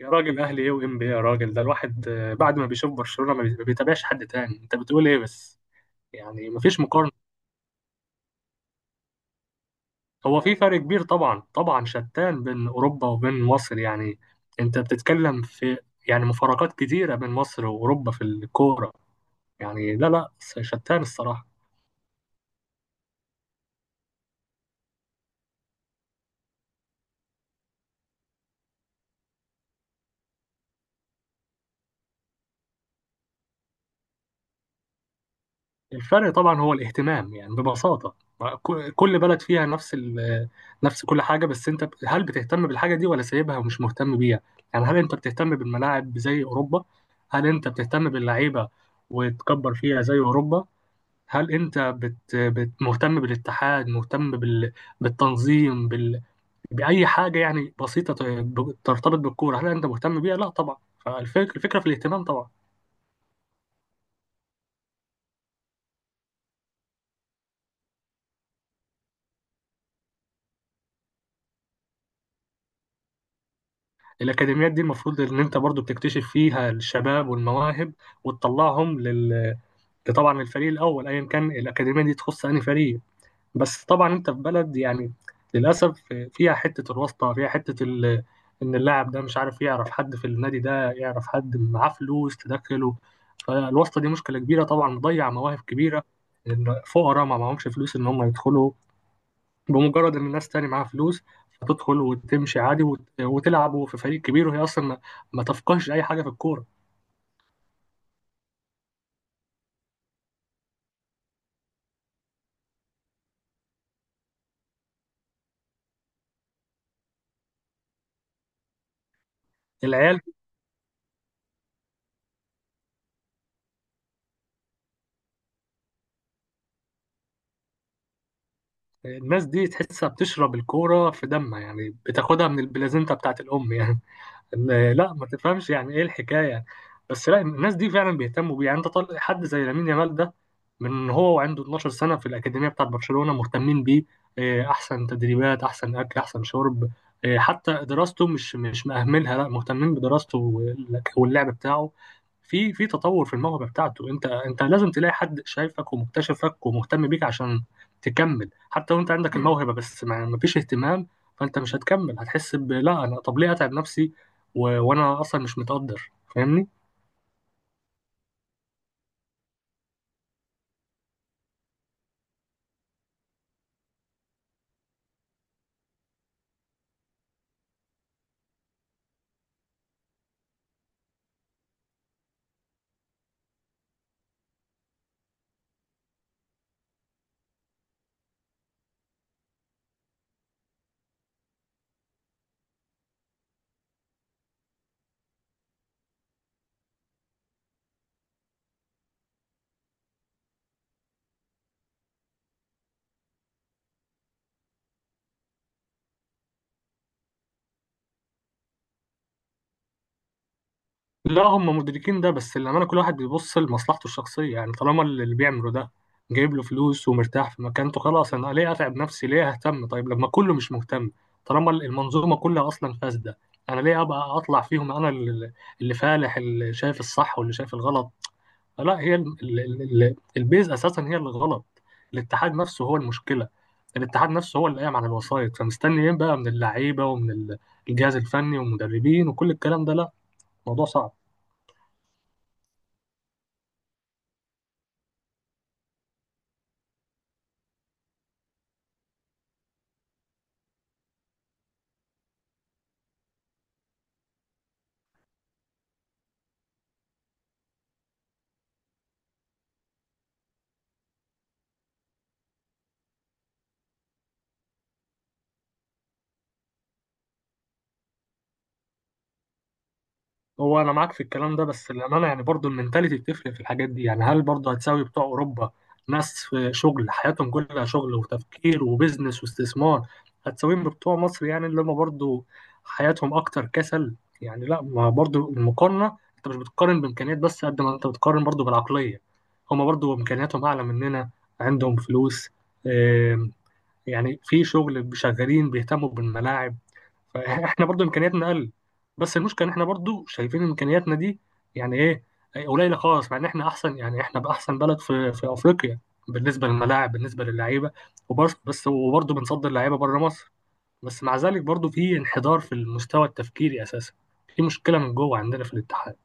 يا راجل اهلي ايه وام بي إيه يا راجل ده الواحد آه، بعد ما بيشوف برشلونة ما بيتابعش حد تاني. انت بتقول ايه بس؟ يعني مفيش مقارنة. هو في فرق كبير طبعا طبعا، شتان بين اوروبا وبين مصر. يعني انت بتتكلم في يعني مفارقات كتيرة بين مصر واوروبا في الكورة. يعني لا لا، شتان الصراحة. الفرق طبعا هو الاهتمام، يعني ببساطة، كل بلد فيها نفس كل حاجة، بس انت هل بتهتم بالحاجة دي ولا سايبها ومش مهتم بيها؟ يعني هل انت بتهتم بالملاعب زي أوروبا؟ هل انت بتهتم باللعيبة وتكبر فيها زي أوروبا؟ هل انت بت مهتم بالاتحاد، مهتم بالتنظيم، بأي حاجة يعني بسيطة ترتبط بالكورة؟ هل انت مهتم بيها؟ لا طبعا. فالفكرة الفكرة في الاهتمام طبعا. الأكاديميات دي المفروض إن أنت برضو بتكتشف فيها الشباب والمواهب وتطلعهم لل... طبعا الفريق الأول، أيا كان الأكاديمية دي تخص أي فريق. بس طبعا أنت في بلد، يعني للأسف، فيها حتة الواسطة، فيها حتة ال... إن اللاعب ده مش عارف، يعرف حد في النادي ده، يعرف حد معاه فلوس تدخله. فالواسطة دي مشكلة كبيرة طبعا، مضيع مواهب كبيرة، إن فقراء ما معهمش فلوس إن هم يدخلوا، بمجرد ان ناس تاني معاها فلوس هتدخل وتمشي عادي، وتلعبوا في فريق كبير وهي اصلا ما تفقهش اي حاجه في الكوره. العيال، الناس دي تحسها بتشرب الكوره في دمها، يعني بتاخدها من البلازنتا بتاعت الام. يعني إن- لا ما تفهمش يعني ايه الحكايه، بس لا، الناس دي فعلا بيهتموا بيه. يعني انت طالع حد زي لامين يامال ده، من هو وعنده 12 سنه في الاكاديميه بتاعت برشلونه مهتمين بيه. إيه، احسن تدريبات، احسن اكل، احسن شرب. إيه، حتى دراسته مش مأهملها، لا، مهتمين بدراسته واللعب بتاعه، في في تطور في الموهبه بتاعته. انت انت لازم تلاقي حد شايفك ومكتشفك ومهتم بيك عشان تكمل. حتى لو انت عندك الموهبه، بس ما فيش اهتمام، فانت مش هتكمل، هتحس ب لا انا طب ليه اتعب نفسي و... وانا اصلا مش متقدر. فاهمني؟ لا هم مدركين ده، بس لما انا، كل واحد بيبص لمصلحته الشخصيه، يعني طالما اللي بيعمله ده جايب له فلوس ومرتاح في مكانته، خلاص، انا ليه اتعب نفسي؟ ليه اهتم؟ طيب لما كله مش مهتم، طالما المنظومه كلها اصلا فاسده، انا ليه ابقى اطلع فيهم انا اللي اللي فالح، اللي شايف الصح واللي شايف الغلط؟ لا هي البيز اساسا هي اللي غلط. الاتحاد نفسه هو المشكله، الاتحاد نفسه هو اللي قايم على الوسائط. فمستني ايه بقى من اللعيبه ومن ال- الجهاز الفني والمدربين وكل الكلام ده؟ لا، الموضوع صعب. هو انا معاك في الكلام ده، بس للامانه يعني برضو المنتاليتي بتفرق في الحاجات دي. يعني هل برضو هتساوي بتوع اوروبا، ناس في شغل، حياتهم كلها شغل وتفكير وبزنس واستثمار، هتساويهم بتوع مصر يعني، اللي هم برضو حياتهم اكتر كسل؟ يعني لا، ما برضو المقارنه، انت مش بتقارن بامكانيات بس، قد ما انت بتقارن برضو بالعقليه. هم برضو امكانياتهم اعلى مننا، عندهم فلوس، آم، يعني في شغل، شغالين بيهتموا بالملاعب. فاحنا برضو امكانياتنا اقل، بس المشكله ان احنا برضو شايفين امكانياتنا دي يعني ايه، قليله خالص، مع ان احنا احسن، يعني احنا باحسن بلد في في افريقيا، بالنسبه للملاعب، بالنسبه للعيبه، وبس بس، وبرضو بنصدر لعيبه بره مصر، بس مع ذلك برضو في انحدار في المستوى التفكيري اساسا، في مشكله من جوه عندنا في الاتحاد.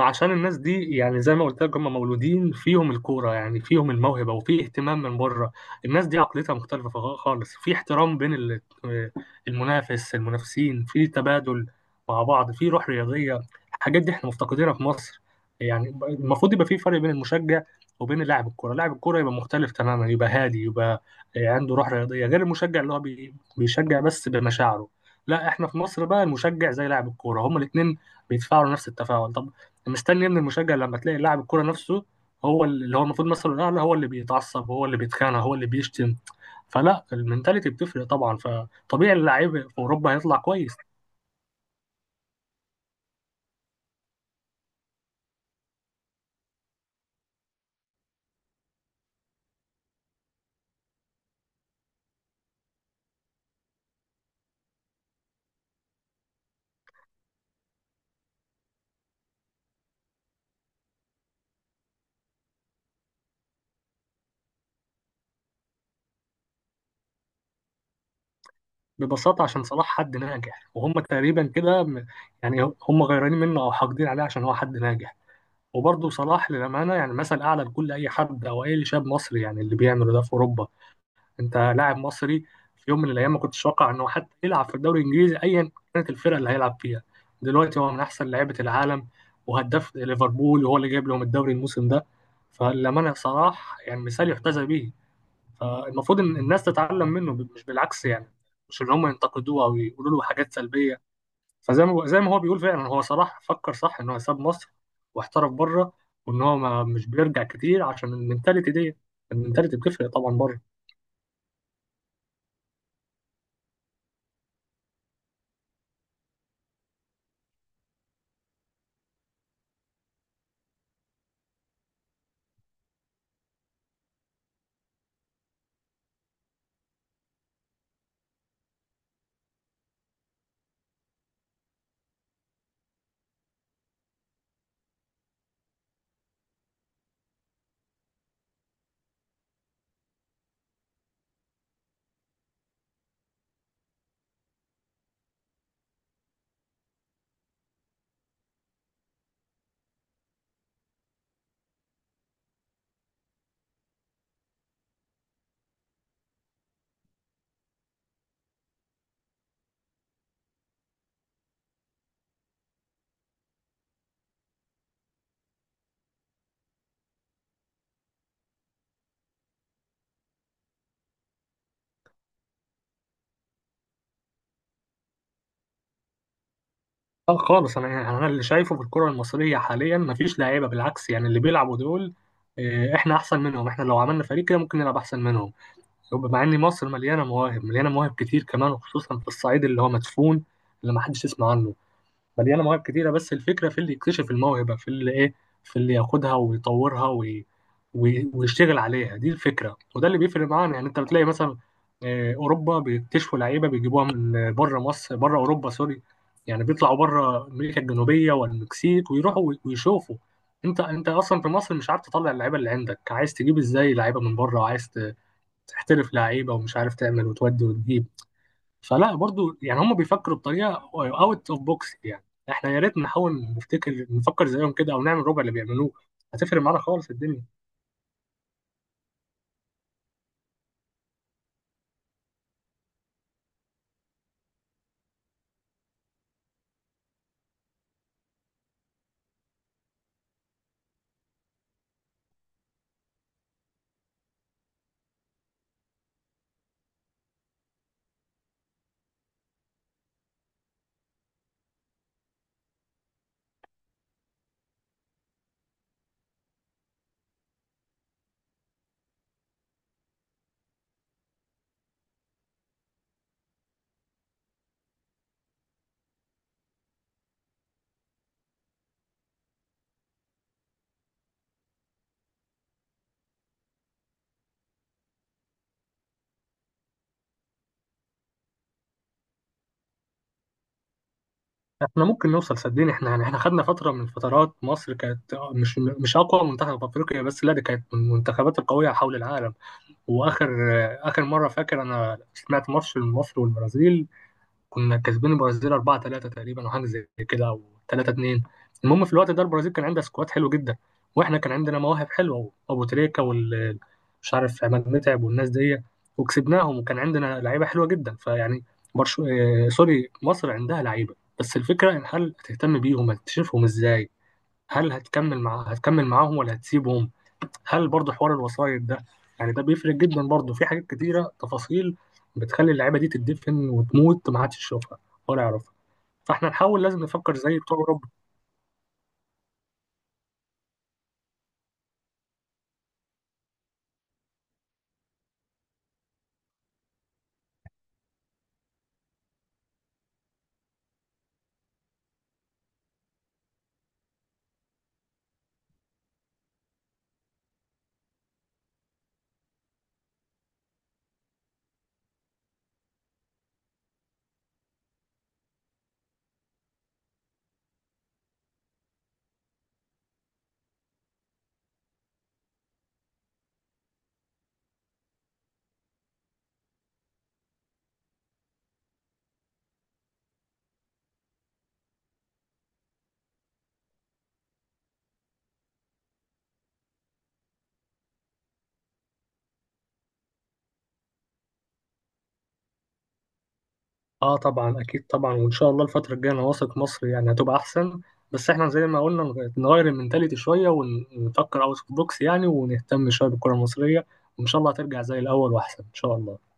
عشان الناس دي، يعني زي ما قلت لك، هم مولودين فيهم الكوره، يعني فيهم الموهبه وفي اهتمام من بره. الناس دي عقليتها مختلفه خالص، في احترام بين ال- المنافس المنافسين، في تبادل مع بعض، في روح رياضيه. الحاجات دي احنا مفتقدينها في مصر. يعني المفروض يبقى في فرق بين المشجع وبين لاعب الكوره. لاعب الكوره يبقى مختلف تماما، يبقى هادي، يبقى عنده روح رياضيه، غير المشجع اللي هو بيشجع بس بمشاعره. لا احنا في مصر بقى، المشجع زي لاعب الكوره، هما الاثنين بيتفاعلوا نفس التفاعل. طب مستني من المشجع لما تلاقي لاعب الكوره نفسه، هو اللي هو المفروض مثلا الاعلى، هو اللي بيتعصب، هو اللي بيتخانق، هو اللي بيشتم. فلا، المنتاليتي بتفرق طبعا، فطبيعي اللعيب في اوروبا هيطلع كويس. ببساطه عشان صلاح حد ناجح، وهم تقريبا كده يعني هم غيرانين منه او حاقدين عليه عشان هو حد ناجح. وبرضه صلاح للامانه يعني مثل اعلى لكل اي حد او اي شاب مصري. يعني اللي بيعمله ده في اوروبا، انت لاعب مصري، في يوم من الايام ما كنتش اتوقع انه حتى يلعب في الدوري الانجليزي، ايا كانت الفرقه اللي هيلعب فيها. دلوقتي هو من احسن لعيبه العالم، وهداف ليفربول، وهو اللي جايب لهم الدوري الموسم ده. فالأمانة صلاح يعني مثال يحتذى به. فالمفروض ان الناس تتعلم منه، مش بالعكس، يعني مش ان هم ينتقدوه او يقولوا له حاجات سلبيه. فزي ما زي ما هو بيقول، فعلا هو صلاح فكر صح ان هو ساب مصر واحترف بره، وان هو ما مش بيرجع كتير عشان المنتاليتي دي. المنتاليتي بتفرق طبعا بره. اه خالص، انا يعني انا اللي شايفه في الكره المصريه حاليا مفيش لعيبه، بالعكس يعني اللي بيلعبوا دول آه، احنا احسن منهم. احنا لو عملنا فريق كده ممكن نلعب احسن منهم، مع ان مصر مليانه مواهب، مليانه مواهب كتير كمان، وخصوصا في الصعيد اللي هو مدفون، اللي ما حدش يسمع عنه. مليانه مواهب كتيره، بس الفكره في اللي يكتشف الموهبه، في اللي ايه، في اللي ياخدها ويطورها ويشتغل عليها. دي الفكره، وده اللي بيفرق معانا. يعني انت بتلاقي مثلا آه، اوروبا بيكتشفوا لعيبه، بيجيبوها من بره مصر، بره اوروبا سوري، يعني بيطلعوا بره امريكا الجنوبيه والمكسيك ويروحوا ويشوفوا. انت انت اصلا في مصر مش عارف تطلع اللعيبه اللي عندك، عايز تجيب ازاي لعيبه من بره وعايز تحترف لعيبه، ومش عارف تعمل وتودي وتجيب. فلا برضو يعني هم بيفكروا بطريقه اوت اوف بوكس. يعني احنا يا ريت نحاول نفتكر، نفكر زيهم كده، او نعمل ربع اللي بيعملوه، هتفرق معانا خالص الدنيا. احنا ممكن نوصل، صدقني احنا، يعني احنا خدنا فتره من الفترات، مصر كانت مش اقوى منتخب في افريقيا بس، لا دي كانت من المنتخبات القويه حول العالم. واخر اخر مره فاكر انا سمعت ماتش مصر والبرازيل، كنا كاسبين البرازيل 4-3 تقريبا، او حاجه زي كده، او 3-2. المهم في الوقت ده البرازيل كان عندها سكواد حلو جدا، واحنا كان عندنا مواهب حلوه، ابو تريكه وال مش عارف، عماد متعب والناس دي، وكسبناهم، وكان عندنا لعيبه حلوه جدا. فيعني برشو... آه، سوري، مصر عندها لعيبه، بس الفكره ان هل هتهتم بيهم، هتشوفهم ازاي، هل هتكمل معاه هتكمل معاهم ولا هتسيبهم، هل برضه حوار الوسايط ده؟ يعني ده بيفرق جدا برضه، في حاجات كتيرة تفاصيل بتخلي اللعيبة دي تدفن وتموت ما حدش يشوفها ولا يعرفها. فاحنا نحاول، لازم نفكر زي بتوع اوروبا. اه طبعا اكيد طبعا، وان شاء الله الفترة الجاية انا واثق مصر يعني هتبقى احسن، بس احنا زي ما قلنا نغير المنتاليتي شوية، ونفكر اوت اوف بوكس يعني، ونهتم شوية بالكرة المصرية، وان شاء الله هترجع زي الاول واحسن ان شاء الله.